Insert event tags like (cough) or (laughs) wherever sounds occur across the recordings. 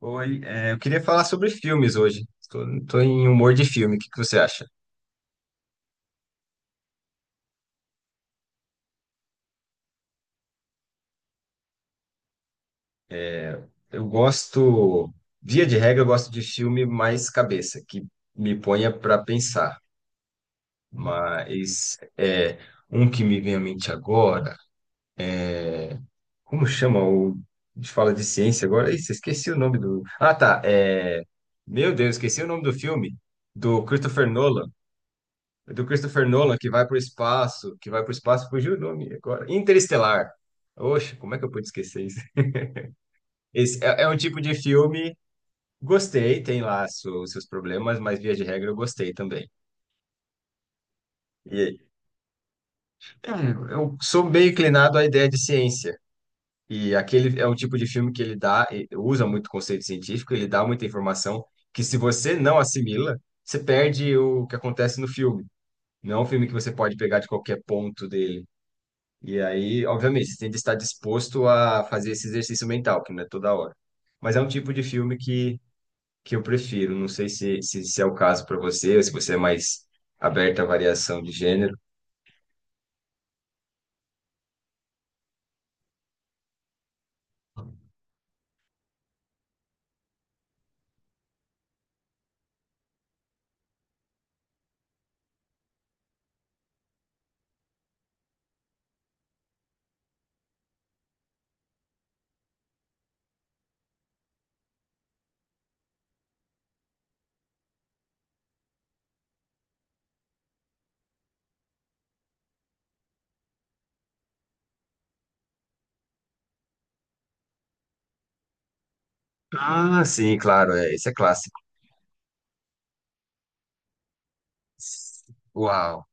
Oi, eu queria falar sobre filmes hoje. Tô em humor de filme. O que que você acha? Eu gosto, via de regra, eu gosto de filme mais cabeça, que me ponha para pensar. Mas é um que me vem à mente agora. Como chama o? A gente fala de ciência agora. Ih, esqueci o nome do. Ah, tá. Meu Deus, esqueci o nome do filme do Christopher Nolan. Do Christopher Nolan que vai para o espaço, que vai para o espaço. Fugiu o nome agora. Interestelar. Oxe, como é que eu pude esquecer isso? Esse é um tipo de filme, gostei, tem lá seus problemas, mas via de regra eu gostei também. E é, eu sou bem inclinado à ideia de ciência. E aquele é um tipo de filme que ele dá, e usa muito conceito científico, ele dá muita informação que, se você não assimila, você perde o que acontece no filme. Não é um filme que você pode pegar de qualquer ponto dele. E aí, obviamente, você tem que estar disposto a fazer esse exercício mental, que não é toda hora. Mas é um tipo de filme que eu prefiro. Não sei se é o caso para você, ou se você é mais aberta à variação de gênero. Ah, sim, claro, é, esse é clássico. Uau,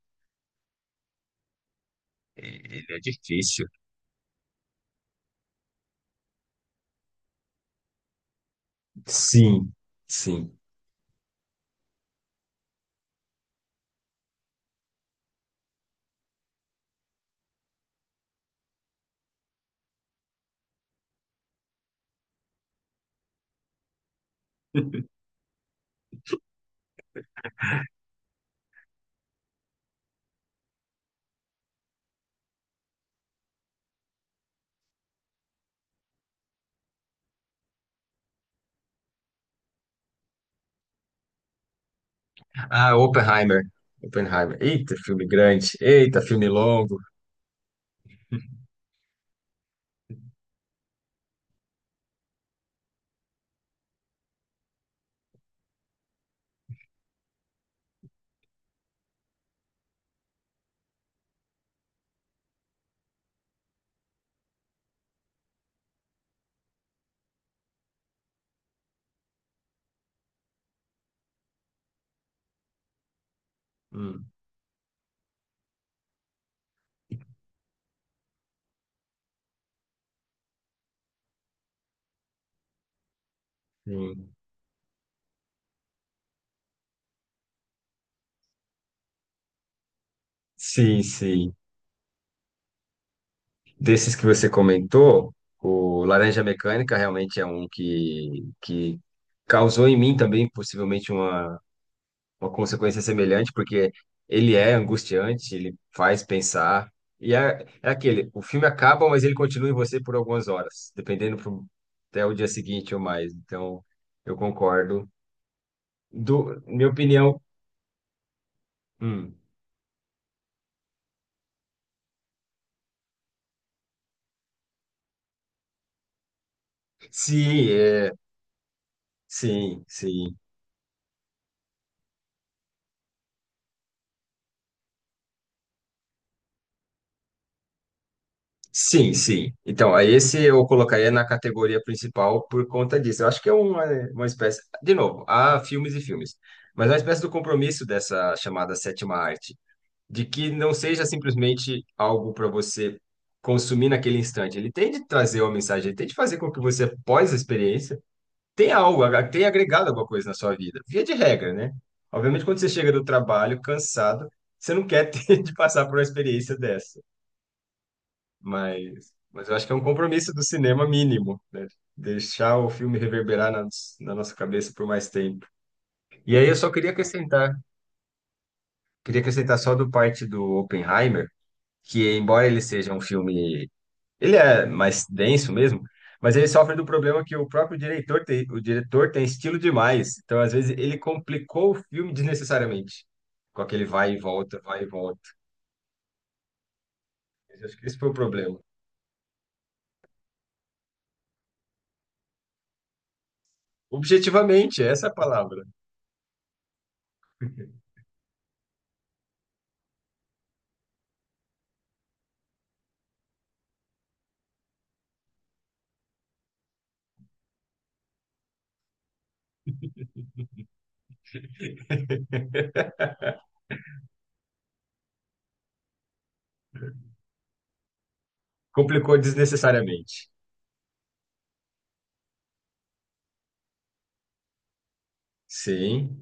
ele é difícil. Sim, sim. Ah, Oppenheimer. Oppenheimer. Eita, filme grande. Eita, filme longo. Hum, sim. Sim, sim. Desses que você comentou, o Laranja Mecânica realmente é um que causou em mim também, possivelmente, uma consequência semelhante, porque ele é angustiante, ele faz pensar. É aquele, o filme acaba, mas ele continua em você por algumas horas, dependendo pro, até o dia seguinte ou mais. Então, eu concordo. Do, minha opinião, hum, sim, é, sim, sim. Sim, sim. Então, aí esse eu colocaria na categoria principal por conta disso. Eu acho que é uma espécie, de novo, há filmes e filmes, mas é uma espécie do compromisso dessa chamada sétima arte, de que não seja simplesmente algo para você consumir naquele instante. Ele tem de trazer uma mensagem, ele tem de fazer com que você, após a experiência, tenha algo, tenha agregado alguma coisa na sua vida. Via de regra, né? Obviamente, quando você chega do trabalho cansado, você não quer (laughs) ter de passar por uma experiência dessa. Mas eu acho que é um compromisso do cinema mínimo, né? Deixar o filme reverberar na nossa cabeça por mais tempo. E aí eu só queria acrescentar só do parte do Oppenheimer, que, embora ele seja um filme, ele é mais denso mesmo, mas ele sofre do problema que o próprio diretor tem, o diretor tem estilo demais. Então, às vezes, ele complicou o filme desnecessariamente, com aquele vai e volta, vai e volta. Eu acho que esse foi o problema. Objetivamente, essa é a palavra. (laughs) Complicou desnecessariamente. Sim,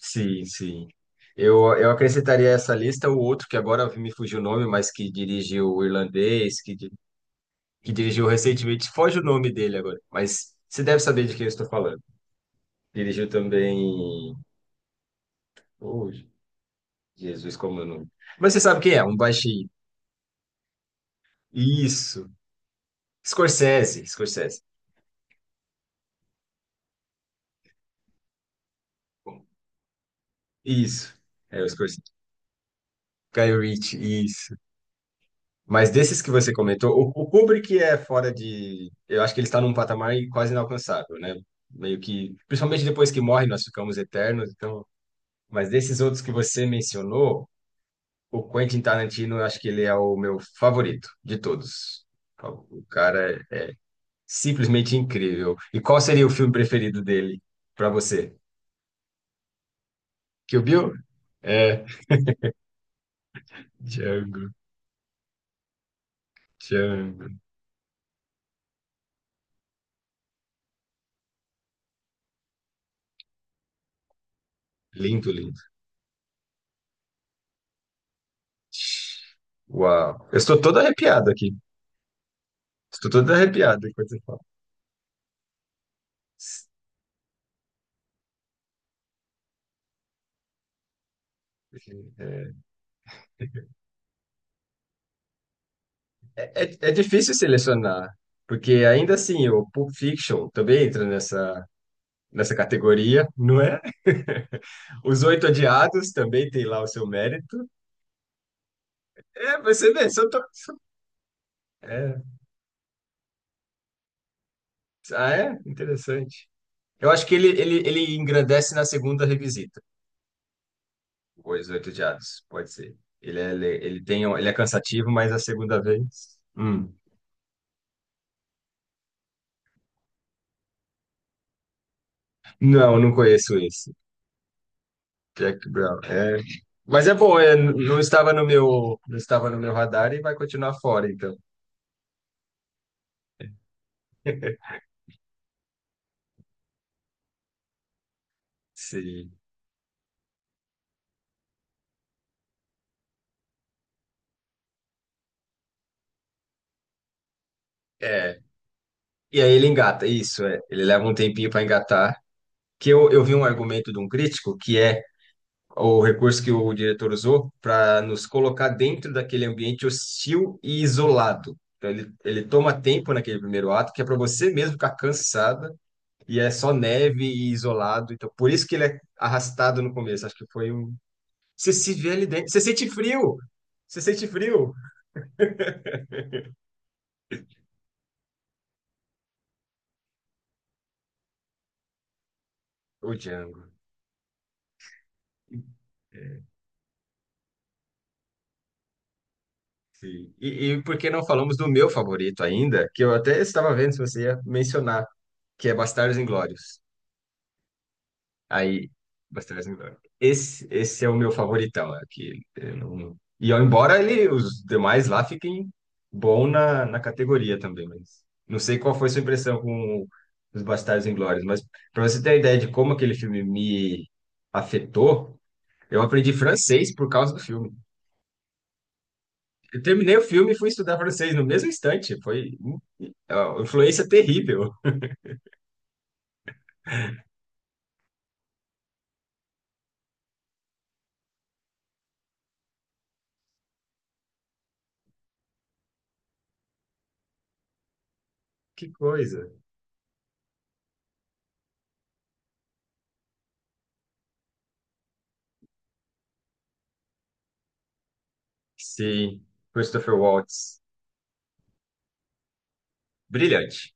sim, sim. Eu acrescentaria a essa lista o outro que agora me fugiu o nome, mas que dirigiu o irlandês, que dirigiu recentemente, foge o nome dele agora, mas você deve saber de quem eu estou falando. Dirigiu também. Oh, Jesus, como é o nome? Mas você sabe quem é, um baixinho. Isso. Scorsese. Isso. É o Scorsese. Guy Ritchie, isso. Mas desses que você comentou, o Kubrick é fora de. Eu acho que ele está num patamar quase inalcançável, né? Meio que. Principalmente depois que morre, nós ficamos eternos, então. Mas desses outros que você mencionou, o Quentin Tarantino, eu acho que ele é o meu favorito de todos. O cara é simplesmente incrível. E qual seria o filme preferido dele para você? Kill Bill? É, Django, Django. Lindo, lindo. Uau. Eu estou todo arrepiado aqui. Estou todo arrepiado enquanto você fala. É, é difícil selecionar, porque ainda assim, o Pulp Fiction também entra nessa categoria, não é? (laughs) Os Oito Odiados também tem lá o seu mérito. É, você vê, só tô... é. Ah, é? Interessante. Eu acho que ele engrandece na segunda revisita, Os Oito Odiados, pode ser. Ele é, ele tem, ele é cansativo, mas a segunda vez.... Não, não conheço esse. Jack Brown, é... Mas é bom, é, não estava no meu, não estava no meu radar e vai continuar fora, então. Sim. É. E aí ele engata, isso, é. Ele leva um tempinho para engatar. Que eu vi um argumento de um crítico que é o recurso que o diretor usou para nos colocar dentro daquele ambiente hostil e isolado. Então, ele toma tempo naquele primeiro ato, que é para você mesmo ficar cansada, e é só neve e isolado. Então, por isso que ele é arrastado no começo. Acho que foi um. Você se vê ali dentro, você sente frio! Você sente frio! O Django. É, sim. E e por que não falamos do meu favorito ainda, que eu até estava vendo se você ia mencionar, que é Bastardos Inglórios. Aí, Bastardos Inglórios. Esse é o meu favoritão, é que eu não- E ó, embora ele, os demais lá fiquem bom na categoria também, mas não sei qual foi sua impressão com os Bastardos Inglórios, mas para você ter a ideia de como aquele filme me afetou, eu aprendi francês por causa do filme. Eu terminei o filme e fui estudar francês no mesmo instante. Foi é uma influência terrível. Que coisa. Sim, Christopher Waltz. Brilhante.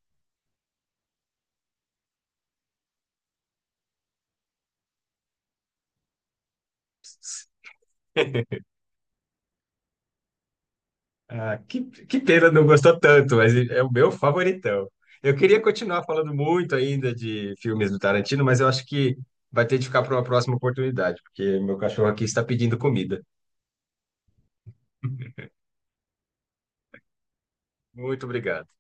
(laughs) Ah, que pena não gostou tanto, mas é o meu favoritão. Eu queria continuar falando muito ainda de filmes do Tarantino, mas eu acho que vai ter de ficar para uma próxima oportunidade, porque meu cachorro aqui está pedindo comida. Muito obrigado.